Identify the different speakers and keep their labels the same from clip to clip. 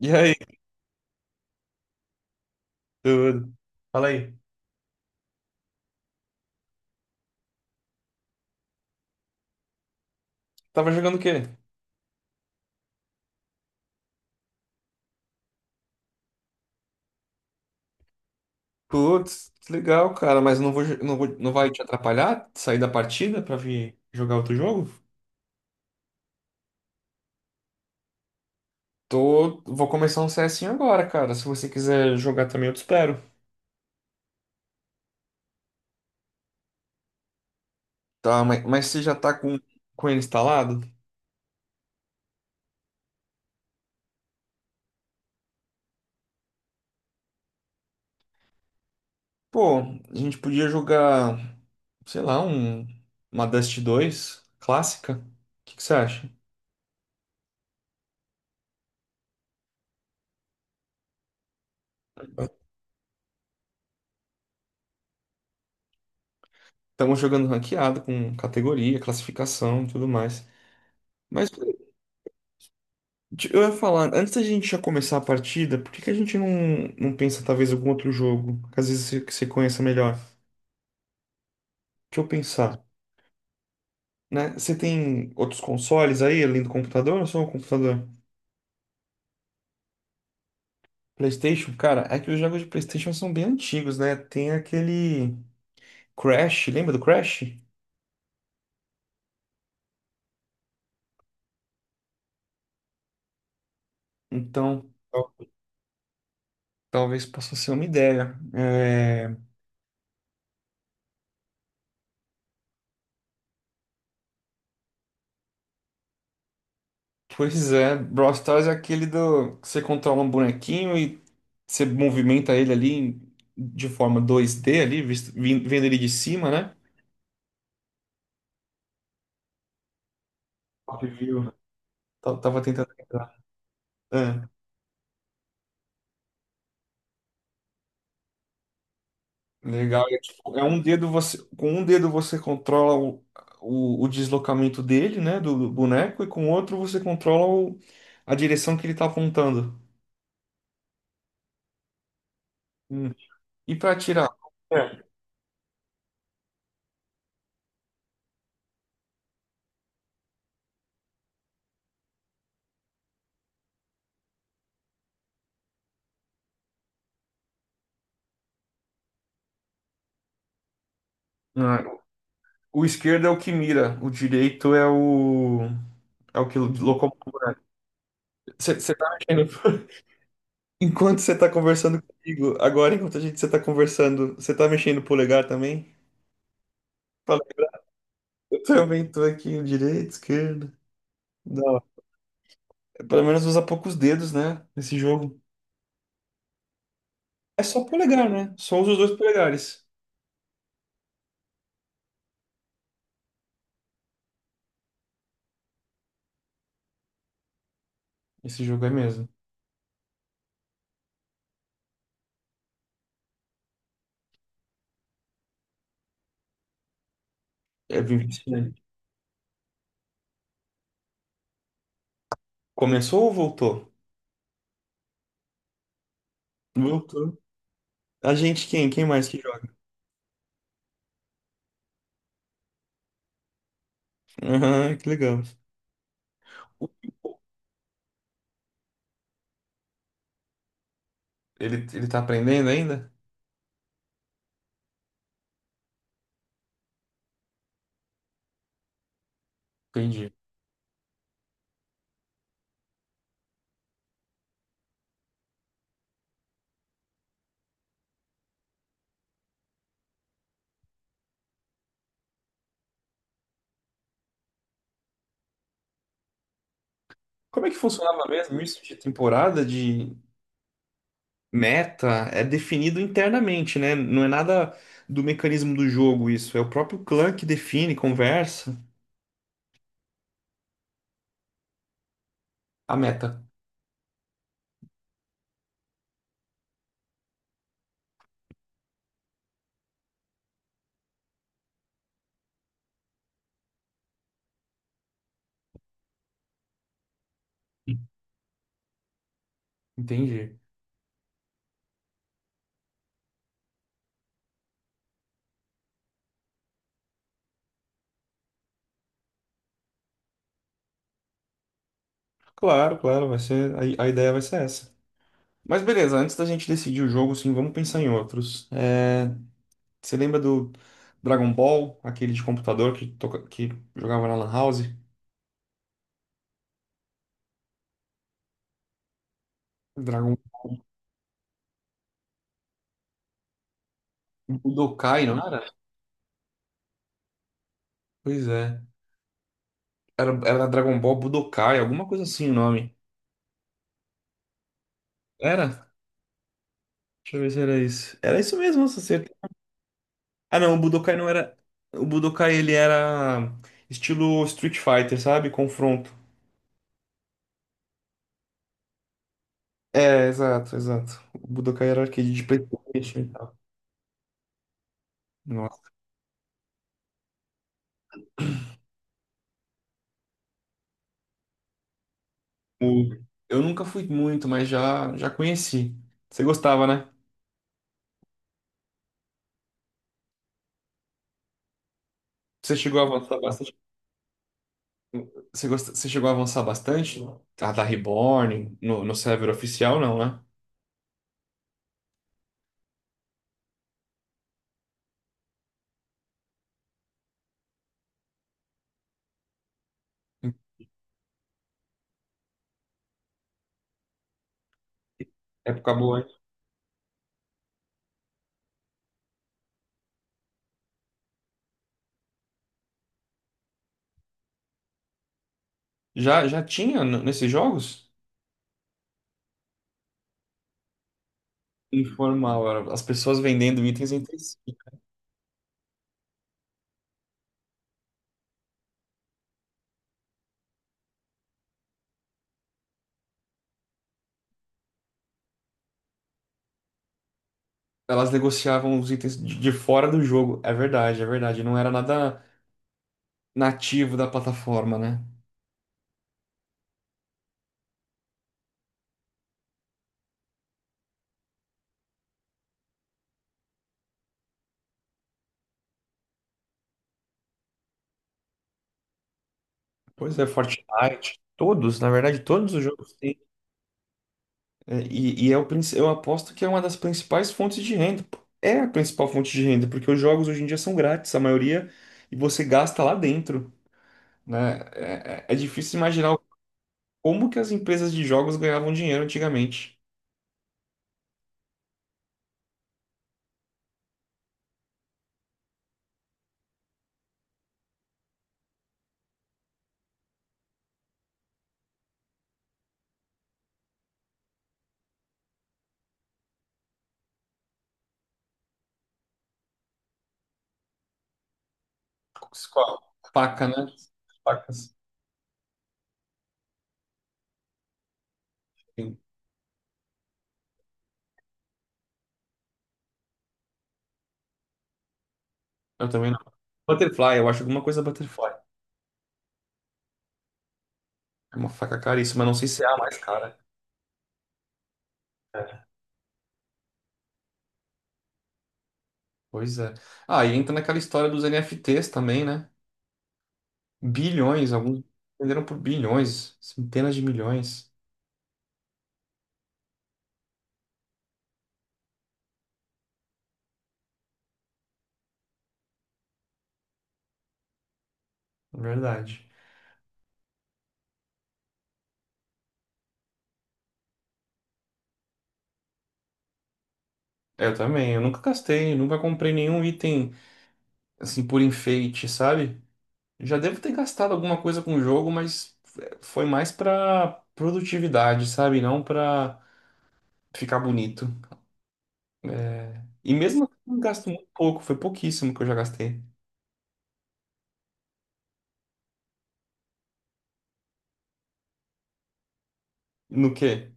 Speaker 1: E aí, tudo? Fala aí. Tava jogando o quê? Putz, que legal, cara, mas não vai te atrapalhar sair da partida pra vir jogar outro jogo? Tô, vou começar um CSinho agora, cara. Se você quiser jogar também, eu te espero. Tá, mas você já tá com ele instalado? Pô, a gente podia jogar, sei lá, uma Dust 2 clássica. O que que você acha? Estamos jogando ranqueado com categoria, classificação e tudo mais. Mas eu ia falar, antes da gente já começar a partida, por que que a gente não pensa talvez em algum outro jogo? Que às vezes que você conheça melhor. Deixa eu pensar, né? Você tem outros consoles aí, além do computador ou só o computador? PlayStation, cara, é que os jogos de PlayStation são bem antigos, né? Tem aquele Crash, lembra do Crash? Então, talvez possa ser uma ideia. É. Pois é, Brawl Stars é aquele do que você controla um bonequinho e você movimenta ele ali de forma 2D ali, vendo ele de cima, né? Top view. Tava tentando lembrar. É, legal. É, tipo, é um dedo você com um dedo você controla o deslocamento dele, né, do boneco e com o outro você controla a direção que ele tá apontando. Hum. E pra atirar? É. Ah, o esquerdo é o que mira, o direito é o que locomove. Você tá mexendo. Enquanto você tá conversando comigo, agora enquanto a gente você tá conversando, você tá mexendo o polegar também? Fala, eu também tô aqui, direito, esquerda. Não, pelo menos usa poucos dedos, né? Nesse jogo. É só polegar, né? Só usa os dois polegares. Esse jogo é mesmo. É bem viciante. Começou ou voltou? Voltou. A gente quem? Quem mais que joga? Aham, que legal. O- ele tá aprendendo ainda? Entendi. Como é que funcionava mesmo isso de temporada de. Meta é definido internamente, né? Não é nada do mecanismo do jogo isso. É o próprio clã que define, conversa a meta. Entendi. Claro, claro, vai ser a ideia vai ser essa. Mas beleza, antes da gente decidir o jogo, sim, vamos pensar em outros. É, você lembra do Dragon Ball, aquele de computador que jogava na Lan House? Dragon Budokai, não era? Pois é. Era Dragon Ball Budokai, alguma coisa assim o nome. Era? Deixa eu ver se era isso. Era isso mesmo, você. Ah, não, o Budokai não era. O Budokai ele era estilo Street Fighter, sabe? Confronto. É, exato, exato. O Budokai era arcade de PlayStation e tal. Nossa. O- Eu nunca fui muito, mas já conheci. Você gostava, né? Você chegou a avançar bastante. Você chegou a avançar bastante? A da Reborn, no server oficial, não, né? Época boa, hein? Já tinha nesses jogos? Informal, era as pessoas vendendo itens entre si. Elas negociavam os itens de fora do jogo. É verdade, é verdade. Não era nada nativo da plataforma, né? Pois é, Fortnite. Todos, na verdade, todos os jogos têm. É, e eu aposto que é uma das principais fontes de renda. Pô. É a principal fonte de renda, porque os jogos hoje em dia são grátis, a maioria, e você gasta lá dentro, né? É, é difícil imaginar como que as empresas de jogos ganhavam dinheiro antigamente. Com a Paca, né? As Pacas. Sim. Eu também não. Butterfly, eu acho alguma coisa Butterfly. É uma faca caríssima, não sei se é a mais cara. É. Pois é. Ah, e entra naquela história dos NFTs também, né? Bilhões, alguns venderam por bilhões, centenas de milhões. É verdade. Eu também, eu nunca gastei, nunca comprei nenhum item assim por enfeite, sabe? Já devo ter gastado alguma coisa com o jogo, mas foi mais pra produtividade, sabe? Não pra ficar bonito. E mesmo assim, eu gasto muito pouco, foi pouquíssimo que eu já gastei. No quê?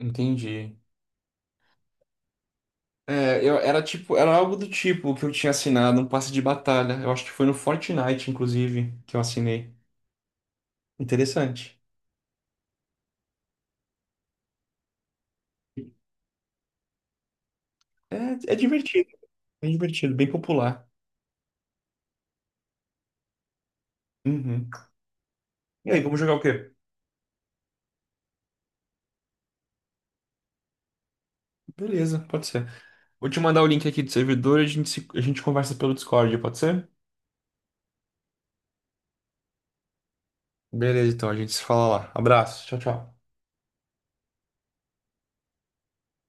Speaker 1: Entendi. É, era tipo, era algo do tipo que eu tinha assinado, um passe de batalha. Eu acho que foi no Fortnite, inclusive, que eu assinei. Interessante. É, é divertido, é divertido, bem popular. Uhum. E aí, vamos jogar o quê? Beleza, pode ser. Vou te mandar o link aqui do servidor e a gente, se- a gente conversa pelo Discord, pode ser? Beleza, então, a gente se fala lá. Abraço, tchau, tchau.